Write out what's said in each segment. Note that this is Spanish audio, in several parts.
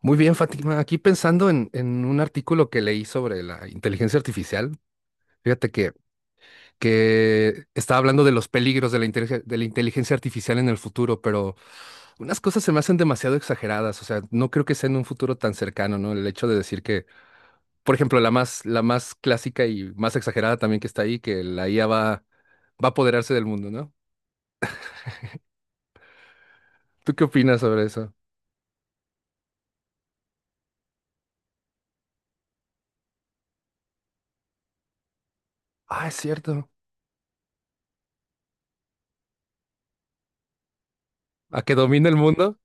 Muy bien, Fátima. Aquí pensando en un artículo que leí sobre la inteligencia artificial, fíjate que estaba hablando de los peligros de de la inteligencia artificial en el futuro, pero unas cosas se me hacen demasiado exageradas. O sea, no creo que sea en un futuro tan cercano, ¿no? El hecho de decir por ejemplo, la más clásica y más exagerada también que está ahí, que la IA va a apoderarse del mundo, ¿no? ¿Tú qué opinas sobre eso? Ah, es cierto. ¿A que domine el mundo?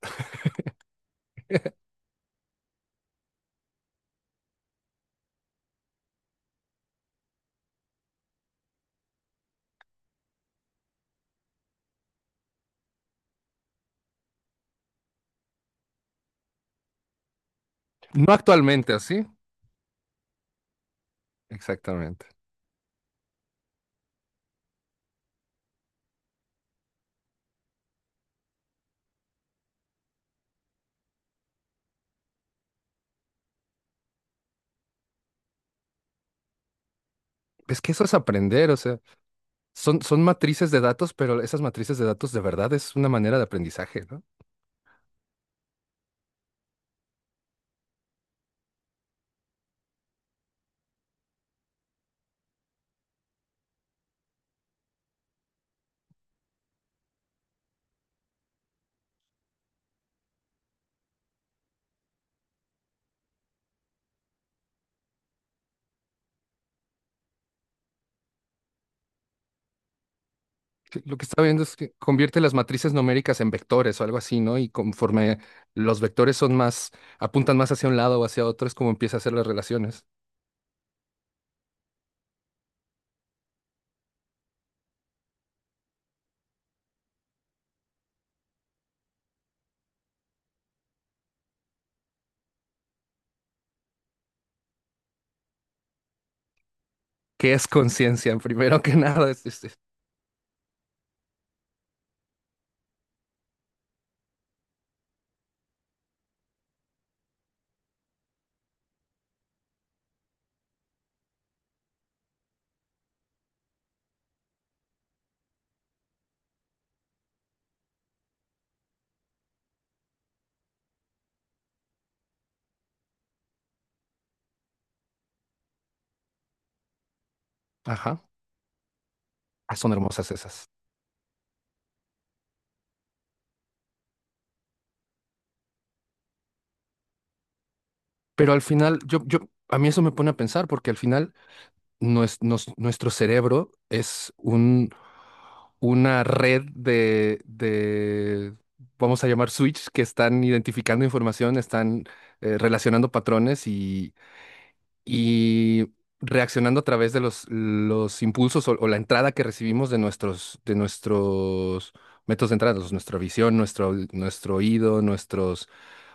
No actualmente, ¿así? Exactamente. Es que eso es aprender, o sea, son matrices de datos, pero esas matrices de datos de verdad es una manera de aprendizaje, ¿no? Que lo que está viendo es que convierte las matrices numéricas en vectores o algo así, ¿no? Y conforme los vectores son más, apuntan más hacia un lado o hacia otro, es como empieza a hacer las relaciones. ¿Qué es conciencia? Primero que nada, ajá, ah, son hermosas esas. Pero al final, a mí eso me pone a pensar, porque al final nuestro cerebro es un, una red de vamos a llamar switch, que están identificando información, están relacionando patrones y reaccionando a través de los impulsos o la entrada que recibimos de nuestros métodos de entrada, nuestra visión, nuestro, nuestro oído, nuestros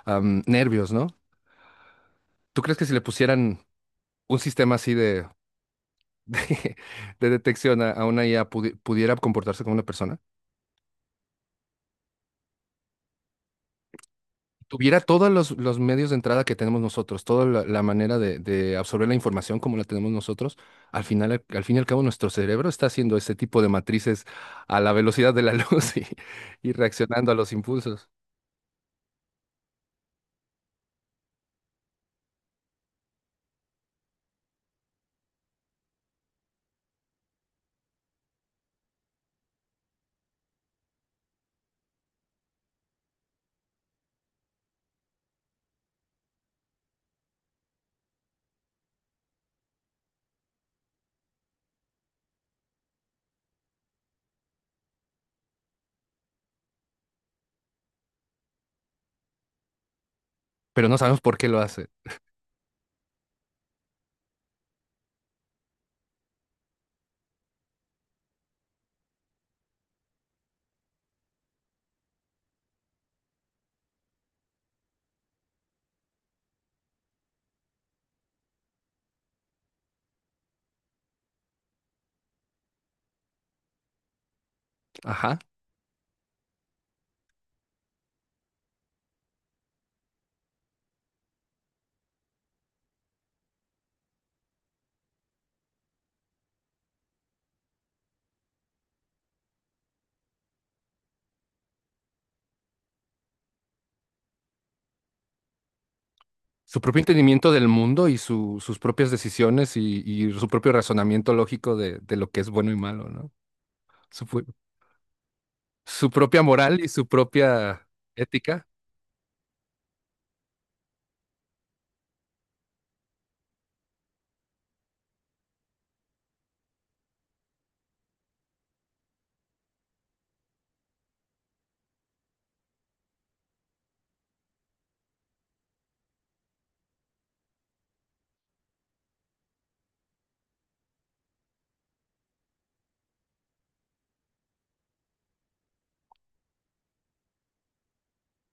nervios, ¿no? ¿Tú crees que si le pusieran un sistema así de, de detección a una IA pudiera comportarse como una persona, tuviera todos los medios de entrada que tenemos nosotros, toda la, la manera de absorber la información como la tenemos nosotros, al final, al fin y al cabo, nuestro cerebro está haciendo ese tipo de matrices a la velocidad de la luz y reaccionando a los impulsos, pero no sabemos por qué lo hace. Ajá. Su propio entendimiento del mundo y sus propias decisiones y su propio razonamiento lógico de lo que es bueno y malo, ¿no? Supo- su propia moral y su propia ética.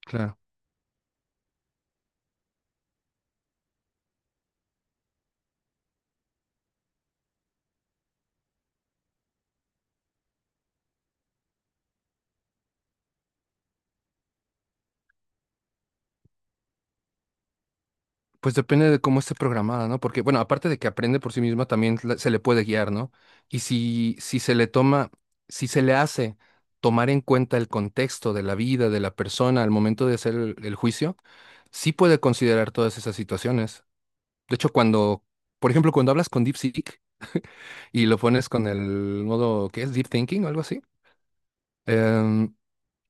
Claro. Pues depende de cómo esté programada, ¿no? Porque, bueno, aparte de que aprende por sí misma, también se le puede guiar, ¿no? Y si se le toma, si se le hace tomar en cuenta el contexto de la vida de la persona al momento de hacer el juicio, sí puede considerar todas esas situaciones. De hecho, por ejemplo, cuando hablas con DeepSeek y lo pones con el modo, ¿qué es? Deep Thinking o algo así, em,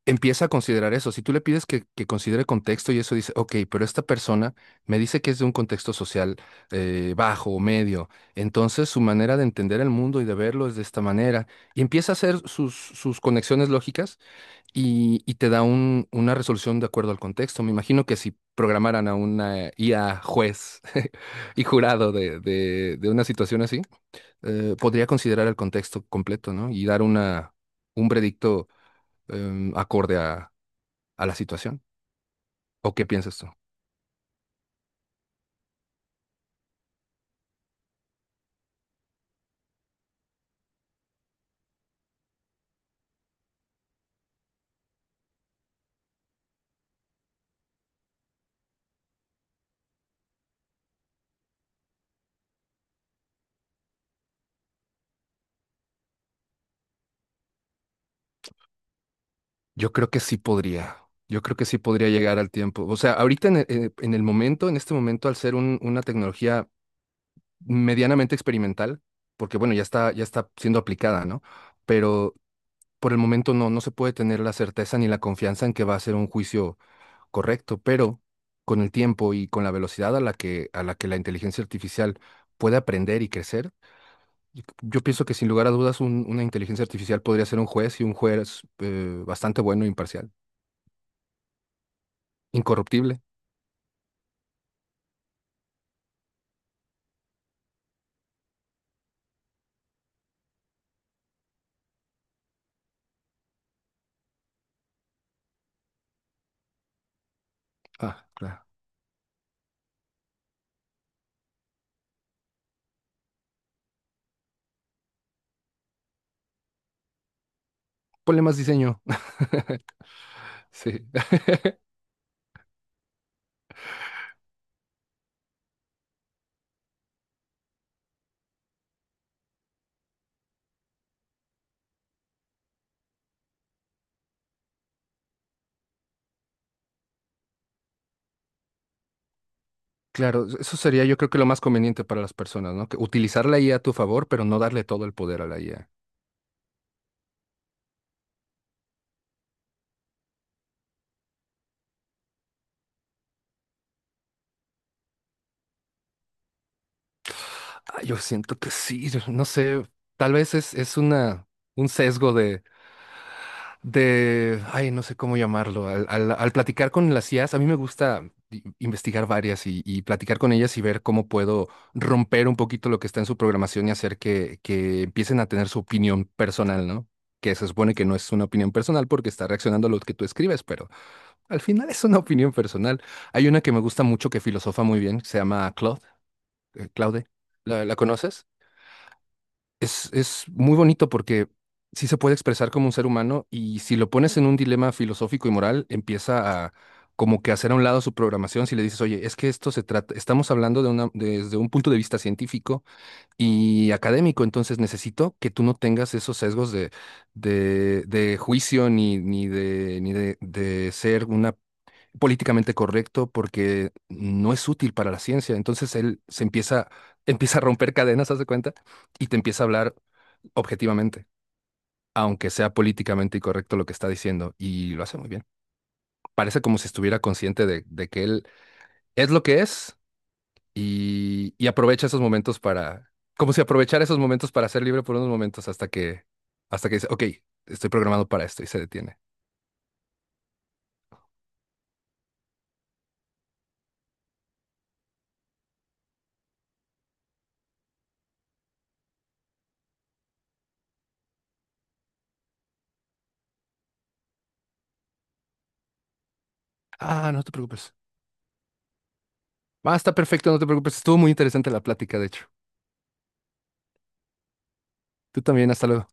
empieza a considerar eso. Si tú le pides que considere contexto y eso dice, ok, pero esta persona me dice que es de un contexto social bajo o medio, entonces su manera de entender el mundo y de verlo es de esta manera. Y empieza a hacer sus, sus conexiones lógicas y te da una resolución de acuerdo al contexto. Me imagino que si programaran a una IA juez y jurado de de una situación así, podría considerar el contexto completo, ¿no? Y dar una, un predicto acorde a la situación. ¿O qué piensas tú? Yo creo que sí podría. Yo creo que sí podría llegar al tiempo. O sea, ahorita en en el momento, en este momento, al ser una tecnología medianamente experimental, porque bueno, ya está siendo aplicada, ¿no? Pero por el momento no, no se puede tener la certeza ni la confianza en que va a ser un juicio correcto, pero con el tiempo y con la velocidad a la a la que la inteligencia artificial puede aprender y crecer, yo pienso que sin lugar a dudas una inteligencia artificial podría ser un juez y un juez bastante bueno e imparcial. Incorruptible. Ah, claro. Ponle más diseño. Sí. Claro, eso sería yo creo que lo más conveniente para las personas, ¿no? Que utilizar la IA a tu favor, pero no darle todo el poder a la IA. Ah, yo siento que sí, no sé, tal vez es una, un sesgo de, ay, no sé cómo llamarlo, al platicar con las IAs, a mí me gusta investigar varias y platicar con ellas y ver cómo puedo romper un poquito lo que está en su programación y hacer que empiecen a tener su opinión personal, ¿no? Que se supone que no es una opinión personal porque está reaccionando a lo que tú escribes, pero al final es una opinión personal. Hay una que me gusta mucho que filosofa muy bien, se llama Claude, Claude. ¿La, la conoces? Es muy bonito porque sí se puede expresar como un ser humano y si lo pones en un dilema filosófico y moral, empieza a como que hacer a un lado su programación si le dices, oye, es que esto se trata, estamos hablando de una, desde un punto de vista científico y académico, entonces necesito que tú no tengas esos sesgos de juicio ni, ni de ser una políticamente correcto porque no es útil para la ciencia. Entonces él se empieza, empieza a romper cadenas, ¿haz de cuenta? Y te empieza a hablar objetivamente, aunque sea políticamente incorrecto lo que está diciendo, y lo hace muy bien. Parece como si estuviera consciente de que él es lo que es y aprovecha esos momentos para, como si aprovechara esos momentos para ser libre por unos momentos hasta hasta que dice, ok, estoy programado para esto y se detiene. Ah, no te preocupes. Ah, está perfecto, no te preocupes. Estuvo muy interesante la plática, de hecho. Tú también, hasta luego.